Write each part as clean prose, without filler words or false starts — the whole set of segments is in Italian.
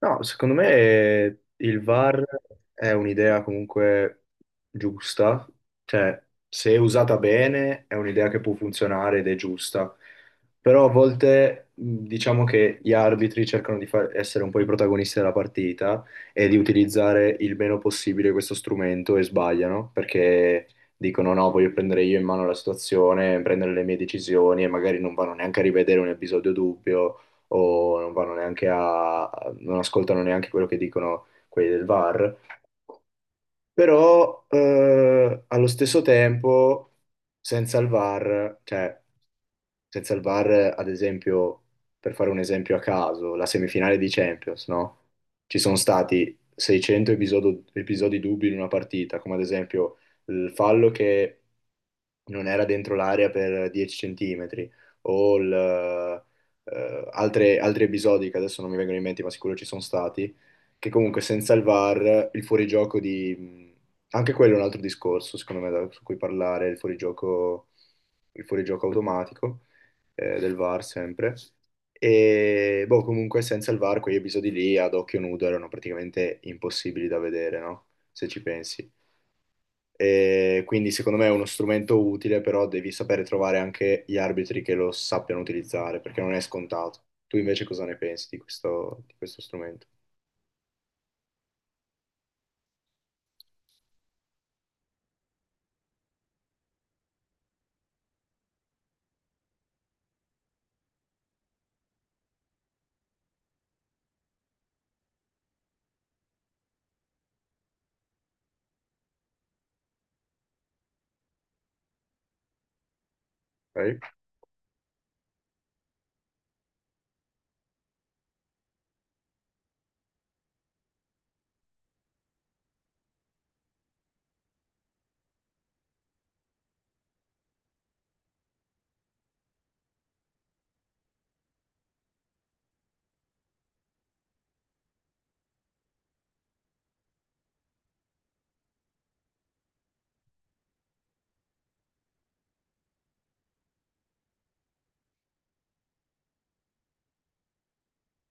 No, secondo me il VAR è un'idea comunque giusta, cioè se usata bene è un'idea che può funzionare ed è giusta, però a volte diciamo che gli arbitri cercano di essere un po' i protagonisti della partita e di utilizzare il meno possibile questo strumento e sbagliano perché dicono no, voglio prendere io in mano la situazione, prendere le mie decisioni e magari non vanno neanche a rivedere un episodio dubbio o non ascoltano neanche quello che dicono quelli del VAR, però allo stesso tempo senza il VAR, cioè senza il VAR, ad esempio, per fare un esempio a caso, la semifinale di Champions, no? Ci sono stati 600 episodi dubbi in una partita, come ad esempio il fallo che non era dentro l'area per 10 centimetri, o altri episodi che adesso non mi vengono in mente, ma sicuro ci sono stati, che comunque senza il VAR, il fuorigioco di. Anche quello è un altro discorso, secondo me, su cui parlare, il fuorigioco, automatico del VAR sempre. E boh, comunque senza il VAR quegli episodi lì ad occhio nudo erano praticamente impossibili da vedere, no? Se ci pensi. E quindi secondo me è uno strumento utile, però devi sapere trovare anche gli arbitri che lo sappiano utilizzare, perché non è scontato. Tu invece cosa ne pensi di questo strumento? Ok?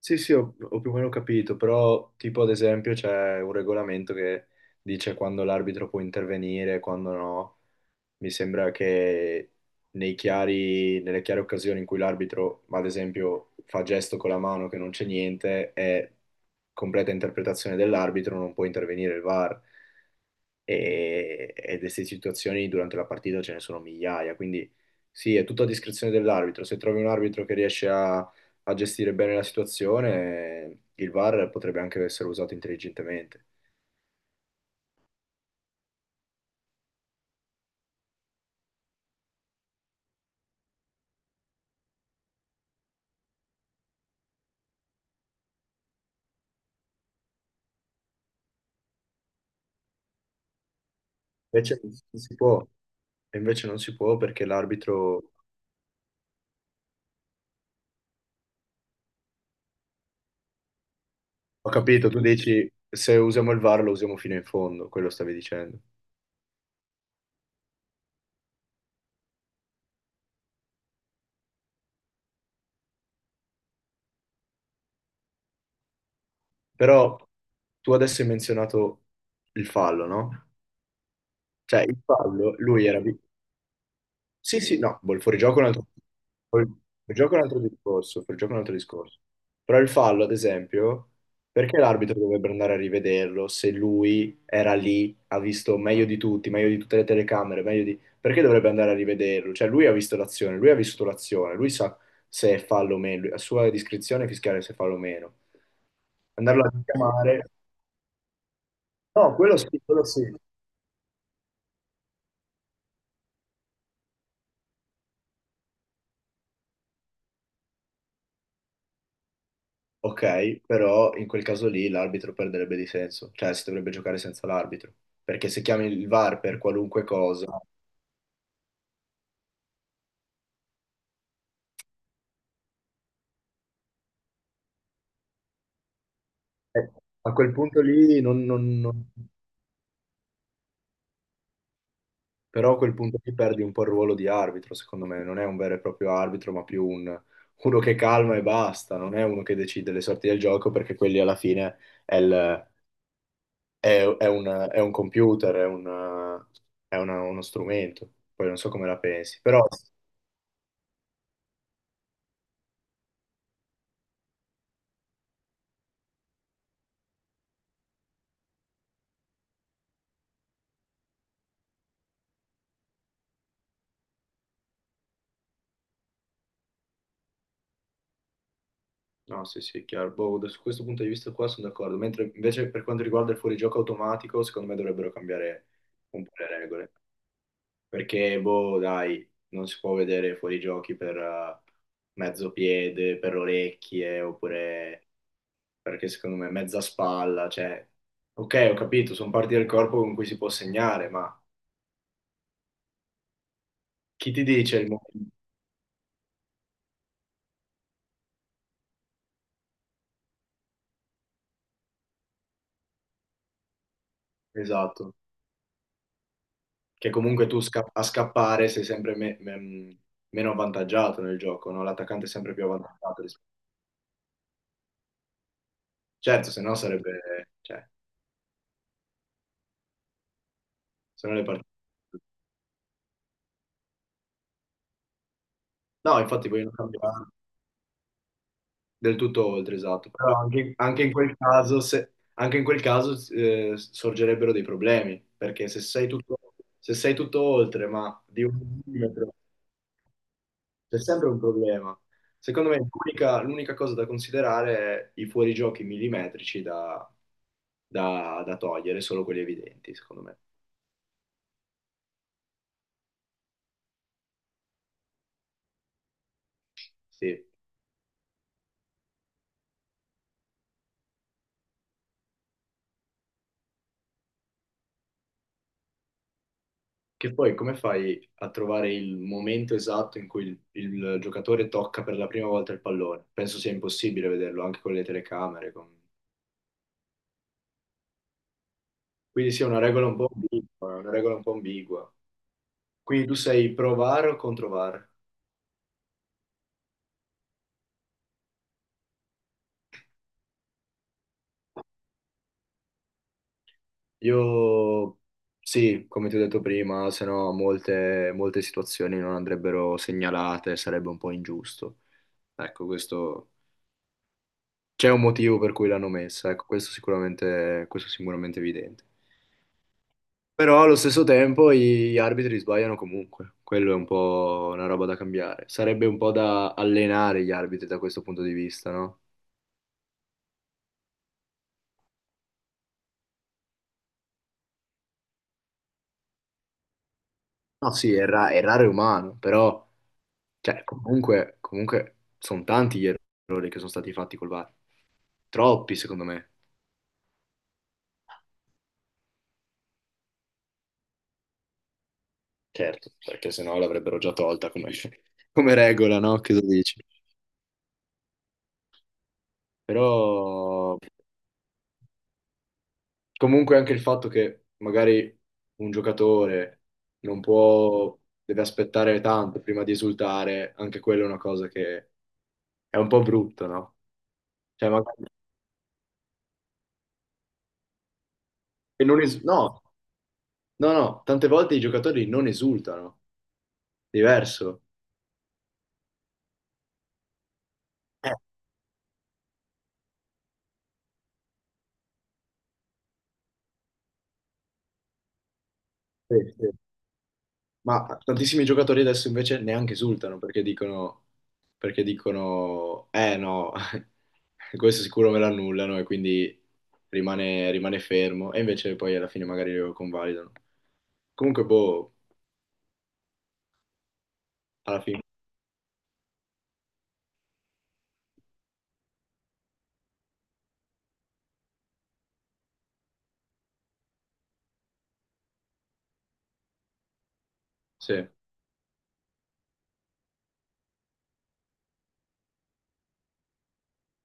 Sì, sì, ho più o meno capito, però tipo ad esempio c'è un regolamento che dice quando l'arbitro può intervenire, quando no. Mi sembra che nelle chiare occasioni in cui l'arbitro, ad esempio, fa gesto con la mano che non c'è niente, è completa interpretazione dell'arbitro, non può intervenire il VAR. E queste situazioni durante la partita ce ne sono migliaia, quindi sì, è tutto a discrezione dell'arbitro. Se trovi un arbitro che riesce a gestire bene la situazione, il VAR potrebbe anche essere usato intelligentemente. Invece non si può, e invece non si può perché l'arbitro. Ho capito, tu dici se usiamo il VAR lo usiamo fino in fondo, quello stavi dicendo. Però tu adesso hai menzionato il fallo, no? Cioè il fallo, lui era. Sì, sì, no, boh, il fuorigioco è un altro discorso, il fuorigioco è un altro discorso. Però il fallo, ad esempio, perché l'arbitro dovrebbe andare a rivederlo se lui era lì, ha visto meglio di tutti, meglio di tutte le telecamere, meglio di. Perché dovrebbe andare a rivederlo? Cioè, lui ha visto l'azione, lui ha visto l'azione, lui sa se è fallo o meno, a sua discrezione fiscale se è fallo o meno. Andarlo a richiamare. No, quello sì, quello sì. Ok, però in quel caso lì l'arbitro perderebbe di senso, cioè si dovrebbe giocare senza l'arbitro, perché se chiami il VAR per qualunque cosa, eh, a quel punto lì non, non- non- però a quel punto lì perdi un po' il ruolo di arbitro, secondo me, non è un vero e proprio arbitro, ma più uno che calma e basta, non è uno che decide le sorti del gioco, perché quelli alla fine è, il- è un computer, è, un- è una- uno strumento, poi non so come la pensi, però. No, sì, sì, è chiaro. Boh, da su questo punto di vista qua sono d'accordo. Mentre invece per quanto riguarda il fuorigioco automatico, secondo me dovrebbero cambiare un po' le regole. Perché, boh, dai, non si può vedere fuorigiochi per mezzo piede, per orecchie, oppure perché secondo me mezza spalla, cioè. Ok, ho capito, sono parti del corpo con cui si può segnare, ma chi ti dice il momento esatto? Che comunque a scappare sei sempre meno avvantaggiato nel gioco, no? L'attaccante è sempre più avvantaggiato. Certo, se no sarebbe, cioè, se no le partite. No, infatti poi non cambia del tutto oltre, esatto. Però anche, anche in quel caso, se- anche in quel caso sorgerebbero dei problemi, perché se sei tutto, oltre, ma di un millimetro, c'è sempre un problema. Secondo me l'unica cosa da considerare è i fuorigiochi millimetrici da togliere, solo quelli evidenti, secondo me. Sì. Che poi come fai a trovare il momento esatto in cui il giocatore tocca per la prima volta il pallone? Penso sia impossibile vederlo anche con le telecamere. Quindi sia una regola un po' ambigua, una regola un po' ambigua. Quindi tu sei pro VAR o contro VAR? Io sì, come ti ho detto prima, se no molte, molte situazioni non andrebbero segnalate, sarebbe un po' ingiusto. Ecco, questo c'è un motivo per cui l'hanno messa, ecco, questo è sicuramente evidente. Però allo stesso tempo gli arbitri sbagliano comunque, quello è un po' una roba da cambiare. Sarebbe un po' da allenare gli arbitri da questo punto di vista, no? No, sì, errare è raro e umano, però cioè, comunque sono tanti gli errori che sono stati fatti col VAR. Troppi, secondo me. Certo, perché sennò l'avrebbero già tolta come, come regola, no? Che lo dici? Però, comunque anche il fatto che magari un giocatore non può, deve aspettare tanto prima di esultare, anche quella è una cosa che è un po' brutta, no? Cioè, magari e non es- no, no, no, tante volte i giocatori non esultano, diverso. Eh, sì, sì. Ma tantissimi giocatori adesso invece neanche esultano perché dicono, eh no, questo sicuro me l'annullano e quindi rimane fermo e invece poi alla fine magari lo convalidano. Comunque, boh, alla fine, sì.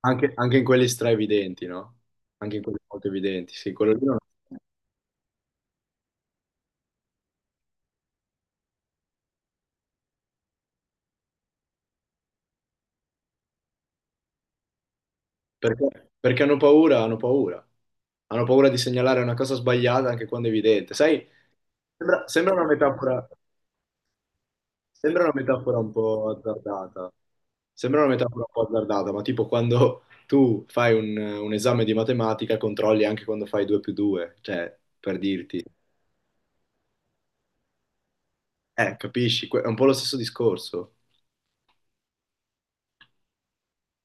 Anche in quelli straevidenti, no? Anche in quelli molto evidenti, sì, quello lì. Perché hanno paura, hanno paura. Hanno paura di segnalare una cosa sbagliata anche quando è evidente. Sai, sembra, sembra una metafora, Sembra una metafora un po' azzardata. Sembra una metafora un po' azzardata, ma tipo quando tu fai un esame di matematica, controlli anche quando fai 2 più 2, cioè per dirti, capisci? È un po' lo stesso discorso.